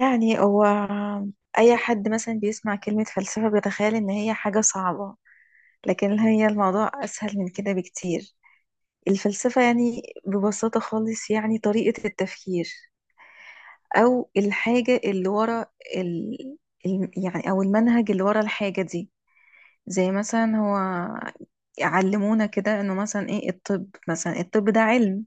يعني هو، أي حد مثلا بيسمع كلمة فلسفة بيتخيل إن هي حاجة صعبة. لكن هي الموضوع أسهل من كده بكتير. الفلسفة يعني ببساطة خالص، يعني طريقة التفكير أو الحاجة اللي ورا ال... يعني، أو المنهج اللي ورا الحاجة دي. زي مثلا هو علمونا كده إنه مثلا إيه، الطب مثلا، الطب ده علم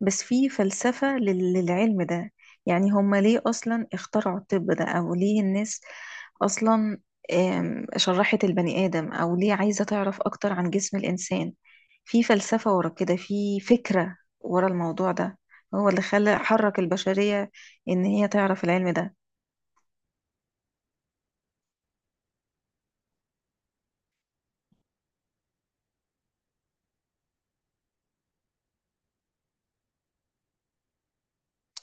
بس في فلسفة للعلم ده. يعني هم ليه أصلا اخترعوا الطب ده؟ أو ليه الناس أصلا شرحت البني آدم؟ أو ليه عايزة تعرف أكتر عن جسم الإنسان؟ في فلسفة ورا كده، في فكرة ورا الموضوع ده، هو اللي خلى، حرك البشرية إن هي تعرف العلم ده.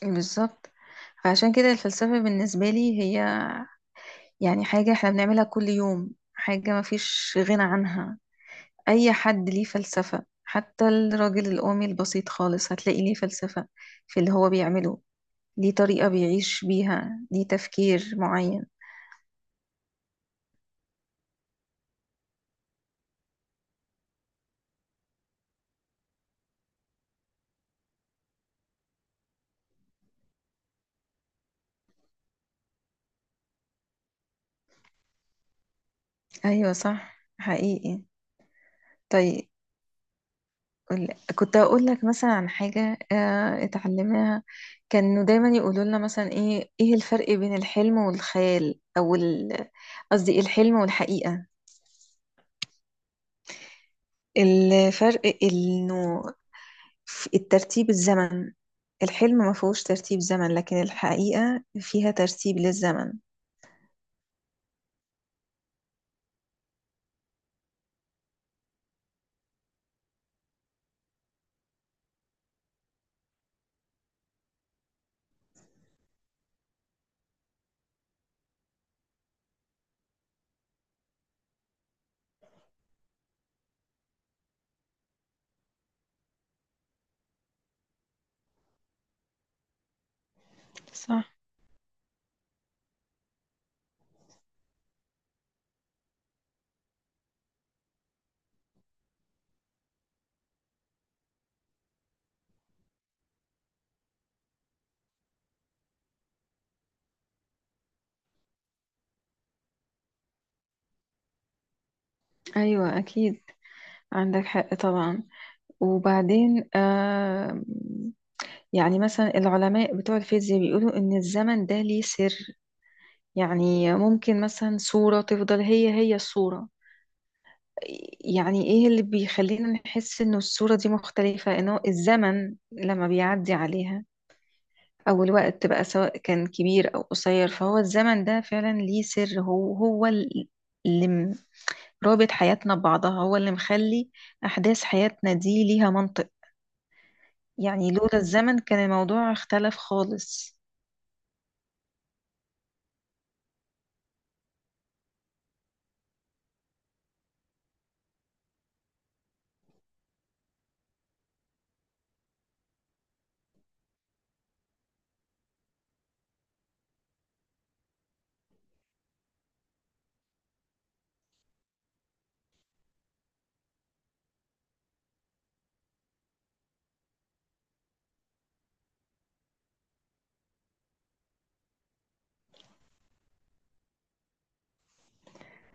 بالظبط. فعشان كده الفلسفة بالنسبة لي هي يعني حاجة احنا بنعملها كل يوم، حاجة مفيش غنى عنها. أي حد ليه فلسفة، حتى الراجل القومي البسيط خالص هتلاقي ليه فلسفة في اللي هو بيعمله. ليه طريقة بيعيش بيها، ليه تفكير معين. أيوة صح، حقيقي. طيب. قول- كنت أقول لك مثلا عن حاجة اتعلمناها. كانوا دايما يقولوا لنا مثلا إيه الفرق بين الحلم والخيال؟ أو قصدي الحلم والحقيقة. الفرق إنه في الترتيب، الزمن. الحلم ما فيهوش ترتيب زمن، لكن الحقيقة فيها ترتيب للزمن. صح. أيوة أكيد، عندك حق طبعا. وبعدين يعني، مثلا العلماء بتوع الفيزياء بيقولوا إن الزمن ده ليه سر. يعني ممكن مثلا صورة تفضل هي هي الصورة. يعني إيه اللي بيخلينا نحس إنه الصورة دي مختلفة؟ إنه الزمن لما بيعدي عليها، أو الوقت بقى سواء كان كبير أو قصير. فهو الزمن ده فعلا ليه سر، هو هو اللي رابط حياتنا ببعضها، هو اللي مخلي أحداث حياتنا دي ليها منطق. يعني لولا الزمن كان الموضوع اختلف خالص.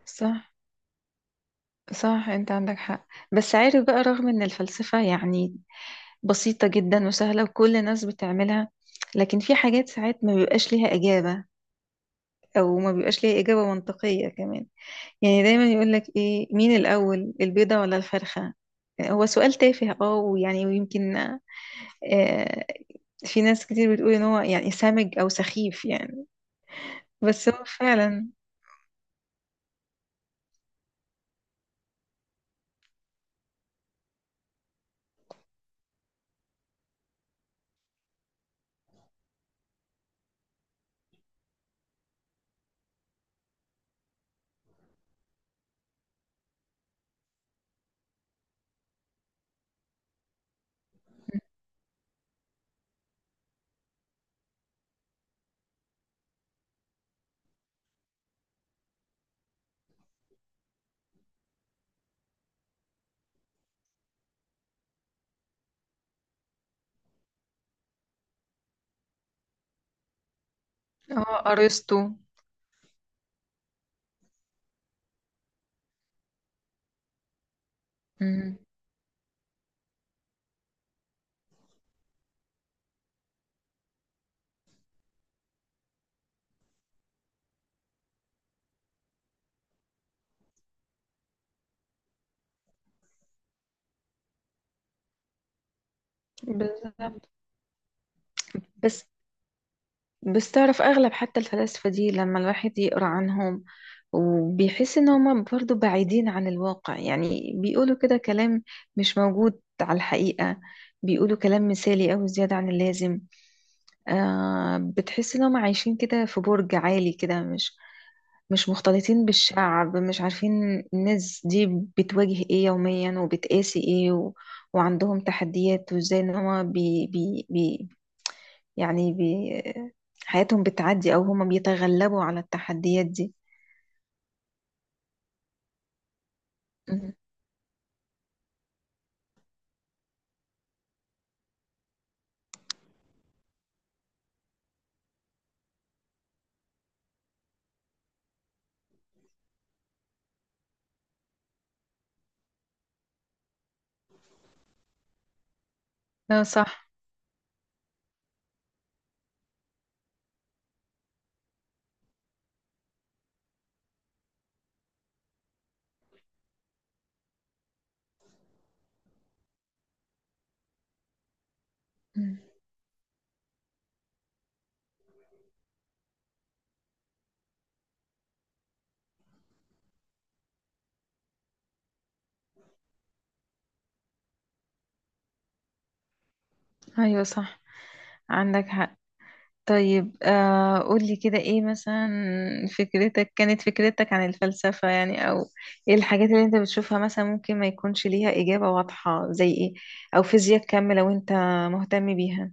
صح، صح، انت عندك حق. بس عارف بقى، رغم ان الفلسفة يعني بسيطة جدا وسهلة وكل الناس بتعملها، لكن في حاجات ساعات ما بيبقاش ليها إجابة، أو ما بيبقاش ليها إجابة منطقية كمان. يعني دايما يقولك ايه، مين الأول، البيضة ولا الفرخة؟ هو سؤال تافه، ويعني ويمكن، في ناس كتير بتقول ان هو يعني سامج او سخيف يعني. بس هو فعلا. هو ارسطو. مم. بالظبط. بس بس تعرف أغلب حتى الفلاسفة دي لما الواحد يقرأ عنهم، وبيحس إن هما برضو بعيدين عن الواقع، يعني بيقولوا كده كلام مش موجود على الحقيقة. بيقولوا كلام مثالي أو زيادة عن اللازم. بتحس إن هما عايشين كده في برج عالي كده، مش مش مختلطين بالشعب، مش عارفين الناس دي بتواجه إيه يوميا وبتقاسي إيه وعندهم تحديات، وإزاي إن هما يعني بي... حياتهم بتعدي، أو هما بيتغلبوا على التحديات دي. مم. اه صح. مم. أيوة صح، عندك حق. طيب، قولي كده ايه مثلا. فكرتك عن الفلسفة يعني، أو ايه الحاجات اللي انت بتشوفها مثلا ممكن ما يكونش ليها إجابة واضحة زي ايه؟ أو فيزياء كم لو انت مهتم بيها.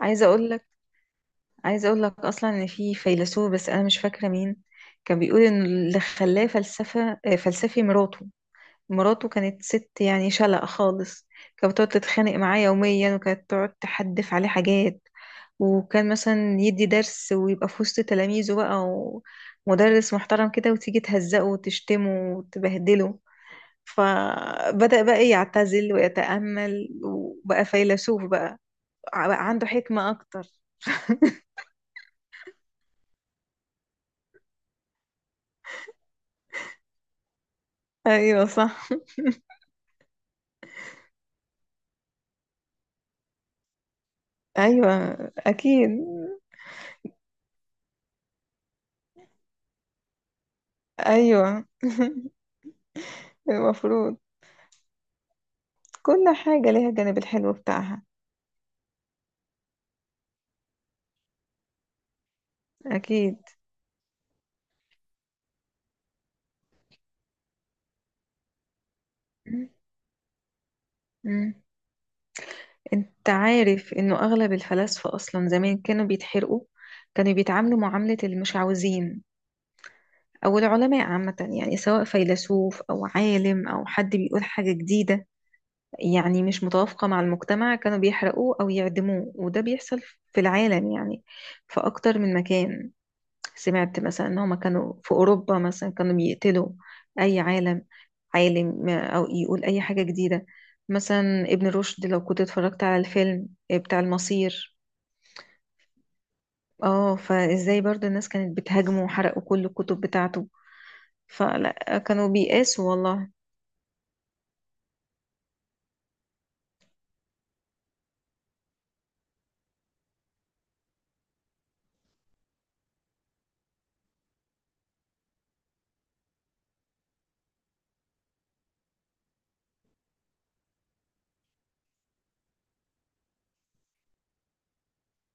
عايزة أقولك عايزة أقولك أصلا إن في فيلسوف، بس أنا مش فاكرة مين، كان بيقول إن اللي خلاه فلسفة، فلسفي مراته كانت ست يعني شلق خالص. كانت بتقعد تتخانق معاه يوميا، وكانت تقعد تحدف عليه حاجات. وكان مثلا يدي درس ويبقى في وسط تلاميذه بقى، ومدرس محترم كده، وتيجي تهزقه وتشتمه وتبهدله. فبدأ بقى يعتزل ويتأمل، وبقى فيلسوف بقى. بقى عنده حكمة أكتر. أيوة صح. أيوة أكيد. أيوة. المفروض كل حاجة ليها الجانب الحلو بتاعها. أكيد. مم. انت عارف انه اغلب الفلاسفة اصلا زمان كانوا بيتحرقوا. كانوا بيتعاملوا معاملة المش عاوزين، او العلماء عامة يعني، سواء فيلسوف او عالم او حد بيقول حاجة جديدة، يعني مش متوافقة مع المجتمع، كانوا بيحرقوه او يعدموه. وده بيحصل في العالم يعني، في اكتر من مكان. سمعت مثلا ان هما كانوا في اوروبا مثلا كانوا يقتلوا اي عالم او يقول اي حاجة جديدة. مثلا ابن رشد، لو كنت اتفرجت على الفيلم بتاع المصير. اه، فازاي برضو الناس كانت بتهاجمه وحرقوا كل الكتب بتاعته. فلا، كانوا بيقاسوا والله.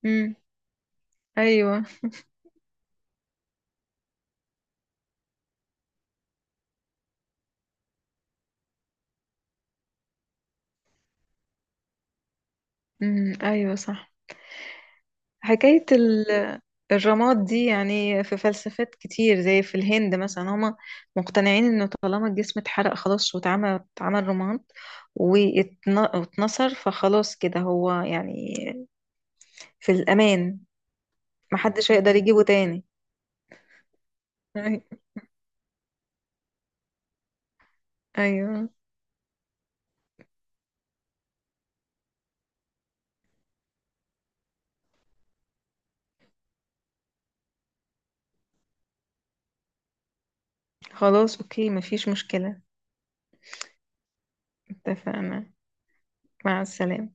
امم، ايوه. امم، ايوه صح. حكاية الرماد دي يعني، في فلسفات كتير زي في الهند مثلا، هما مقتنعين انه طالما الجسم اتحرق خلاص، واتعمل، اتعمل رماد، واتنصر، فخلاص كده هو يعني في الأمان. محدش هيقدر يجيبه تاني. أي- ايوه. خلاص اوكي مفيش مشكلة. اتفقنا. مع السلامة.